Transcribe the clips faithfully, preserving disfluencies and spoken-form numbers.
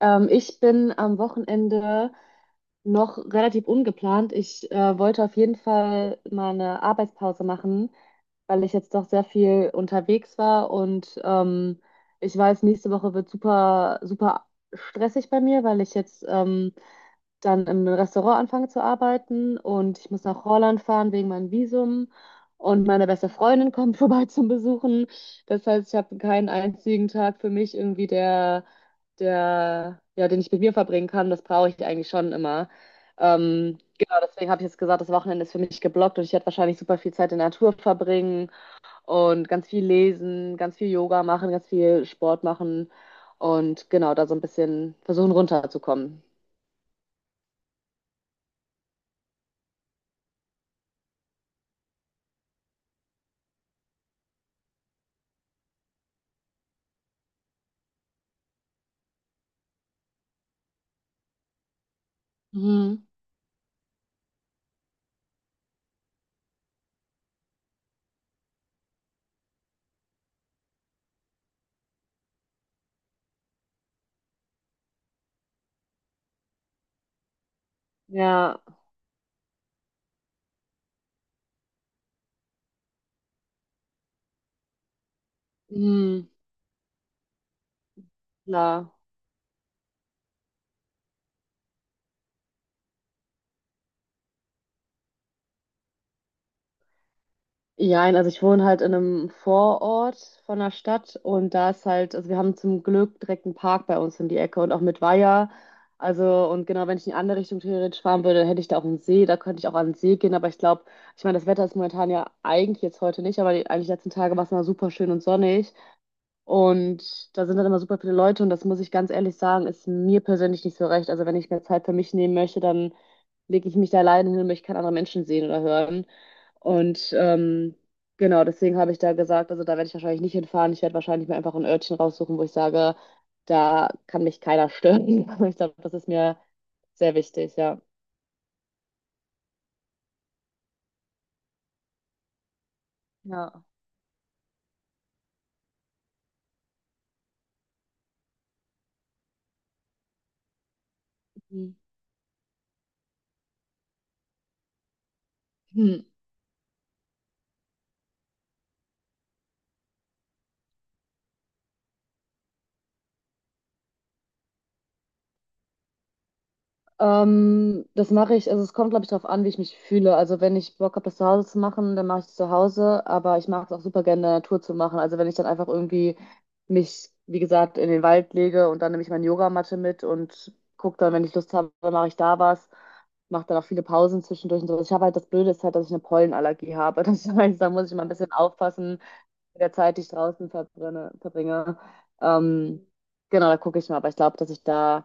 Ähm, ich bin am Wochenende noch relativ ungeplant. Ich äh, wollte auf jeden Fall mal eine Arbeitspause machen, weil ich jetzt doch sehr viel unterwegs war, und ähm, ich weiß, nächste Woche wird super, super stressig bei mir, weil ich jetzt ähm, dann im Restaurant anfange zu arbeiten, und ich muss nach Holland fahren wegen meinem Visum, und meine beste Freundin kommt vorbei zum Besuchen. Das heißt, ich habe keinen einzigen Tag für mich irgendwie, der der, ja, den ich mit mir verbringen kann, das brauche ich eigentlich schon immer. Ähm, genau, deswegen habe ich jetzt gesagt, das Wochenende ist für mich geblockt und ich werde wahrscheinlich super viel Zeit in der Natur verbringen und ganz viel lesen, ganz viel Yoga machen, ganz viel Sport machen und genau, da so ein bisschen versuchen runterzukommen. Mhm. Ja, mhm, klar. Jein, also ich wohne halt in einem Vorort von der Stadt, und da ist halt, also wir haben zum Glück direkt einen Park bei uns in die Ecke und auch mit Weiher. Also, und genau, wenn ich in die andere Richtung theoretisch fahren würde, hätte ich da auch einen See, da könnte ich auch an den See gehen, aber ich glaube, ich meine, das Wetter ist momentan ja eigentlich jetzt heute nicht, aber die, eigentlich die letzten Tage war es immer super schön und sonnig, und da sind dann immer super viele Leute, und das muss ich ganz ehrlich sagen, ist mir persönlich nicht so recht. Also, wenn ich mir Zeit für mich nehmen möchte, dann lege ich mich da alleine hin und möchte keine anderen Menschen sehen oder hören. Und ähm, genau, deswegen habe ich da gesagt, also da werde ich wahrscheinlich nicht hinfahren. Ich werde wahrscheinlich mir einfach ein Örtchen raussuchen, wo ich sage, da kann mich keiner stören. Ich glaube, das ist mir sehr wichtig, ja. Ja. Mhm. Ähm, das mache ich, also es kommt, glaube ich, darauf an, wie ich mich fühle. Also wenn ich Bock habe, das zu Hause zu machen, dann mache ich es zu Hause, aber ich mag es auch super gerne in der Natur zu machen. Also wenn ich dann einfach irgendwie mich, wie gesagt, in den Wald lege und dann nehme ich meine Yogamatte mit und gucke dann, wenn ich Lust habe, mache ich da was, mache dann auch viele Pausen zwischendurch und so. Also ich habe halt, das Blöde ist halt, dass ich eine Pollenallergie habe. Das heißt, da muss ich mal ein bisschen aufpassen mit der Zeit, die ich draußen verbrenne, verbringe. Ähm, genau, da gucke ich mal. Aber ich glaube, dass ich da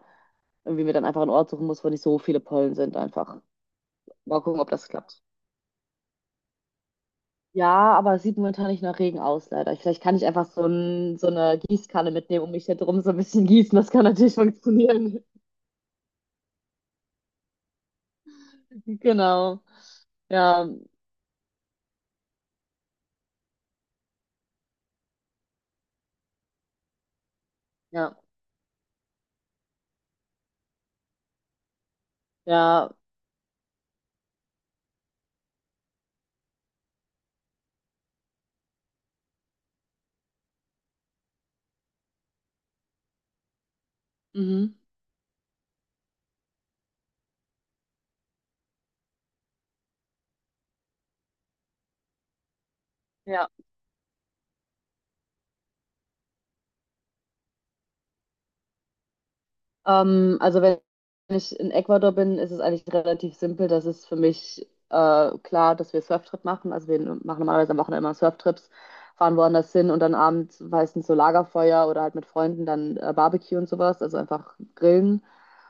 irgendwie mir dann einfach einen Ort suchen muss, wo nicht so viele Pollen sind, einfach. Mal gucken, ob das klappt. Ja, aber es sieht momentan nicht nach Regen aus, leider. Vielleicht kann ich einfach so, ein, so eine Gießkanne mitnehmen und mich da drum so ein bisschen gießen. Das kann natürlich funktionieren. Genau. Ja, ja, ja. Mhm. Ja. Ähm, also wenn ich in Ecuador bin, ist es eigentlich relativ simpel. Das ist für mich äh, klar, dass wir Surftrip machen. Also wir machen normalerweise am Wochenende immer Surftrips, fahren woanders hin und dann abends meistens so Lagerfeuer oder halt mit Freunden dann äh, Barbecue und sowas. Also einfach grillen.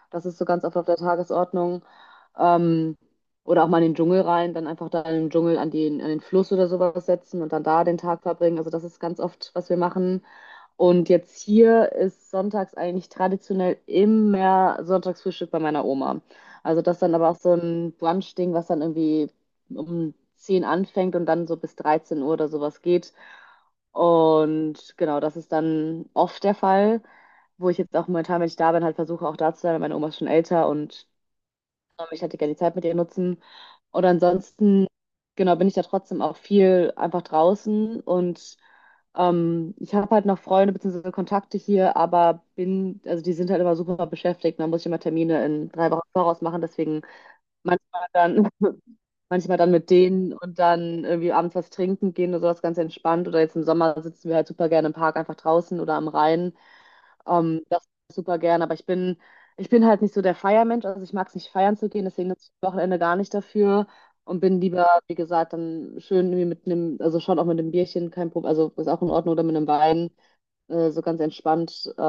Das ist so ganz oft auf der Tagesordnung. Ähm, oder auch mal in den Dschungel rein, dann einfach da im Dschungel an den, an den Fluss oder sowas setzen und dann da den Tag verbringen. Also das ist ganz oft, was wir machen. Und jetzt hier ist sonntags eigentlich traditionell immer Sonntagsfrühstück bei meiner Oma. Also das dann aber auch so ein Brunch-Ding, was dann irgendwie um zehn anfängt und dann so bis dreizehn Uhr oder sowas geht. Und genau, das ist dann oft der Fall, wo ich jetzt auch momentan, wenn ich da bin, halt versuche auch da zu sein, weil meine Oma ist schon älter und ich hätte gerne die Zeit mit ihr nutzen. Oder ansonsten, genau, bin ich da trotzdem auch viel einfach draußen, und ähm, ich habe halt noch Freunde bzw. Kontakte hier, aber bin, also die sind halt immer super beschäftigt. Da muss ich immer Termine in drei Wochen voraus machen, deswegen manchmal dann, manchmal dann mit denen und dann irgendwie abends was trinken gehen oder sowas ganz entspannt. Oder jetzt im Sommer sitzen wir halt super gerne im Park einfach draußen oder am Rhein. Ähm, das super gern, aber ich bin, ich bin halt nicht so der Feiermensch, also ich mag es nicht feiern zu gehen, deswegen nutze ich das Wochenende gar nicht dafür und bin lieber, wie gesagt, dann schön irgendwie mit einem, also schon auch mit einem Bierchen, kein Problem, also ist auch in Ordnung, oder mit einem Wein, äh, so ganz entspannt, äh,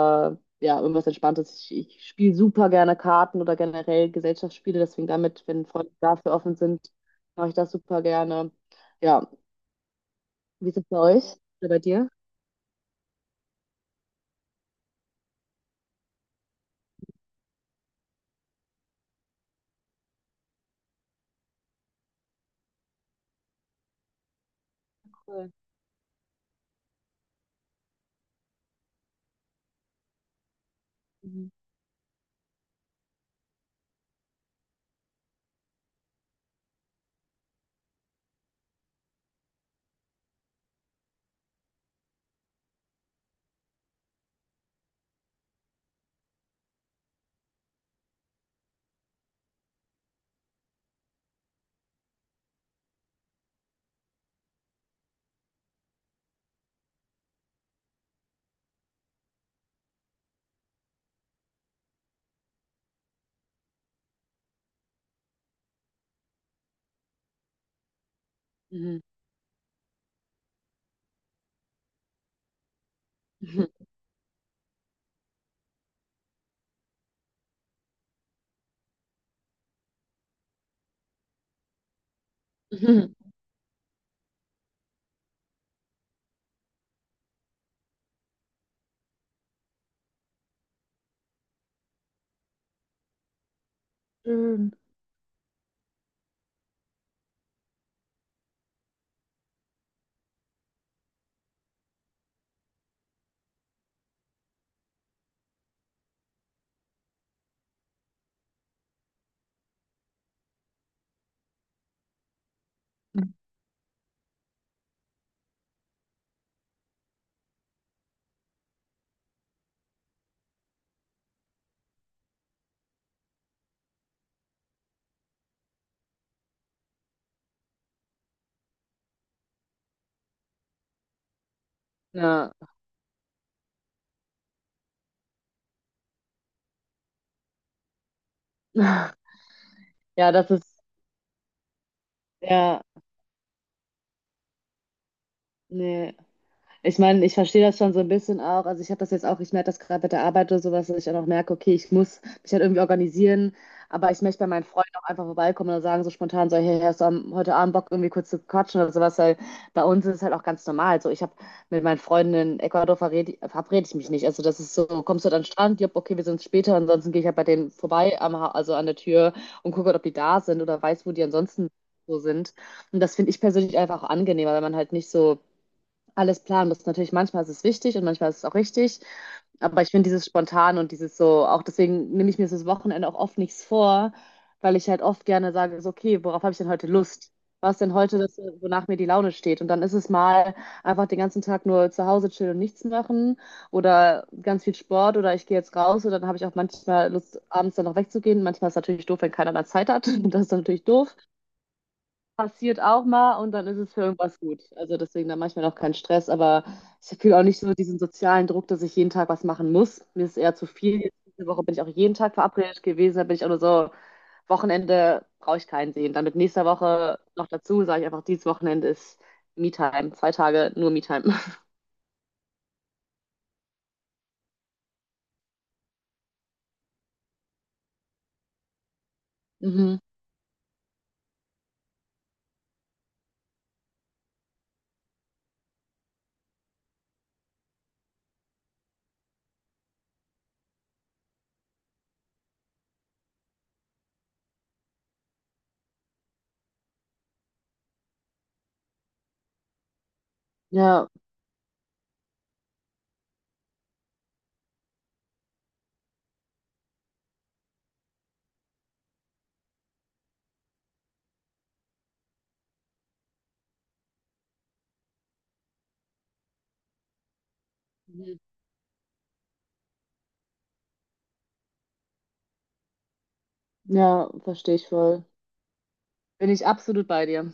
ja, irgendwas Entspanntes. Ich, ich spiele super gerne Karten oder generell Gesellschaftsspiele, deswegen damit, wenn Freunde dafür offen sind, mache ich das super gerne. Ja, wie ist es bei euch oder bei dir? Cool. Mhm. Mhm. Schön. Ja. Ja, das ist, ja, nee, ich meine, ich verstehe das schon so ein bisschen auch. Also ich habe das jetzt auch, ich merke das gerade bei der Arbeit oder sowas, dass ich dann auch merke, okay, ich muss mich halt irgendwie organisieren, aber ich möchte bei meinen Freunden auch einfach vorbeikommen und sagen so spontan so, hey, hast du am, heute Abend Bock irgendwie kurz zu quatschen oder sowas, weil bei uns ist es halt auch ganz normal. So, ich habe mit meinen Freunden in Ecuador verrede, verabrede ich mich nicht. Also das ist so, kommst du dann an den Strand, jupp, okay, wir sind später, ansonsten gehe ich halt bei denen vorbei, am, Ha- also an der Tür und gucke, ob die da sind oder weiß, wo die ansonsten so sind. Und das finde ich persönlich einfach auch angenehmer, wenn man halt nicht so alles planen muss. Natürlich, manchmal ist es wichtig und manchmal ist es auch richtig. Aber ich finde dieses spontan und dieses so, auch deswegen nehme ich mir das Wochenende auch oft nichts vor, weil ich halt oft gerne sage, so, okay, worauf habe ich denn heute Lust? Was denn heute, das, wonach mir die Laune steht? Und dann ist es mal einfach den ganzen Tag nur zu Hause chillen und nichts machen oder ganz viel Sport oder ich gehe jetzt raus und dann habe ich auch manchmal Lust, abends dann noch wegzugehen. Manchmal ist es natürlich doof, wenn keiner dann Zeit hat. Das ist dann natürlich doof, passiert auch mal, und dann ist es für irgendwas gut. Also deswegen dann manchmal auch kein Stress, aber ich fühle auch nicht so diesen sozialen Druck, dass ich jeden Tag was machen muss. Mir ist es eher zu viel. Jetzt diese Woche bin ich auch jeden Tag verabredet gewesen, da bin ich auch nur so, Wochenende brauche ich keinen sehen. Dann mit nächster Woche noch dazu, sage ich einfach, dieses Wochenende ist Me-Time. Zwei Tage nur Me-Time. Mhm. Ja. Mhm. Ja, verstehe ich voll. Bin ich absolut bei dir.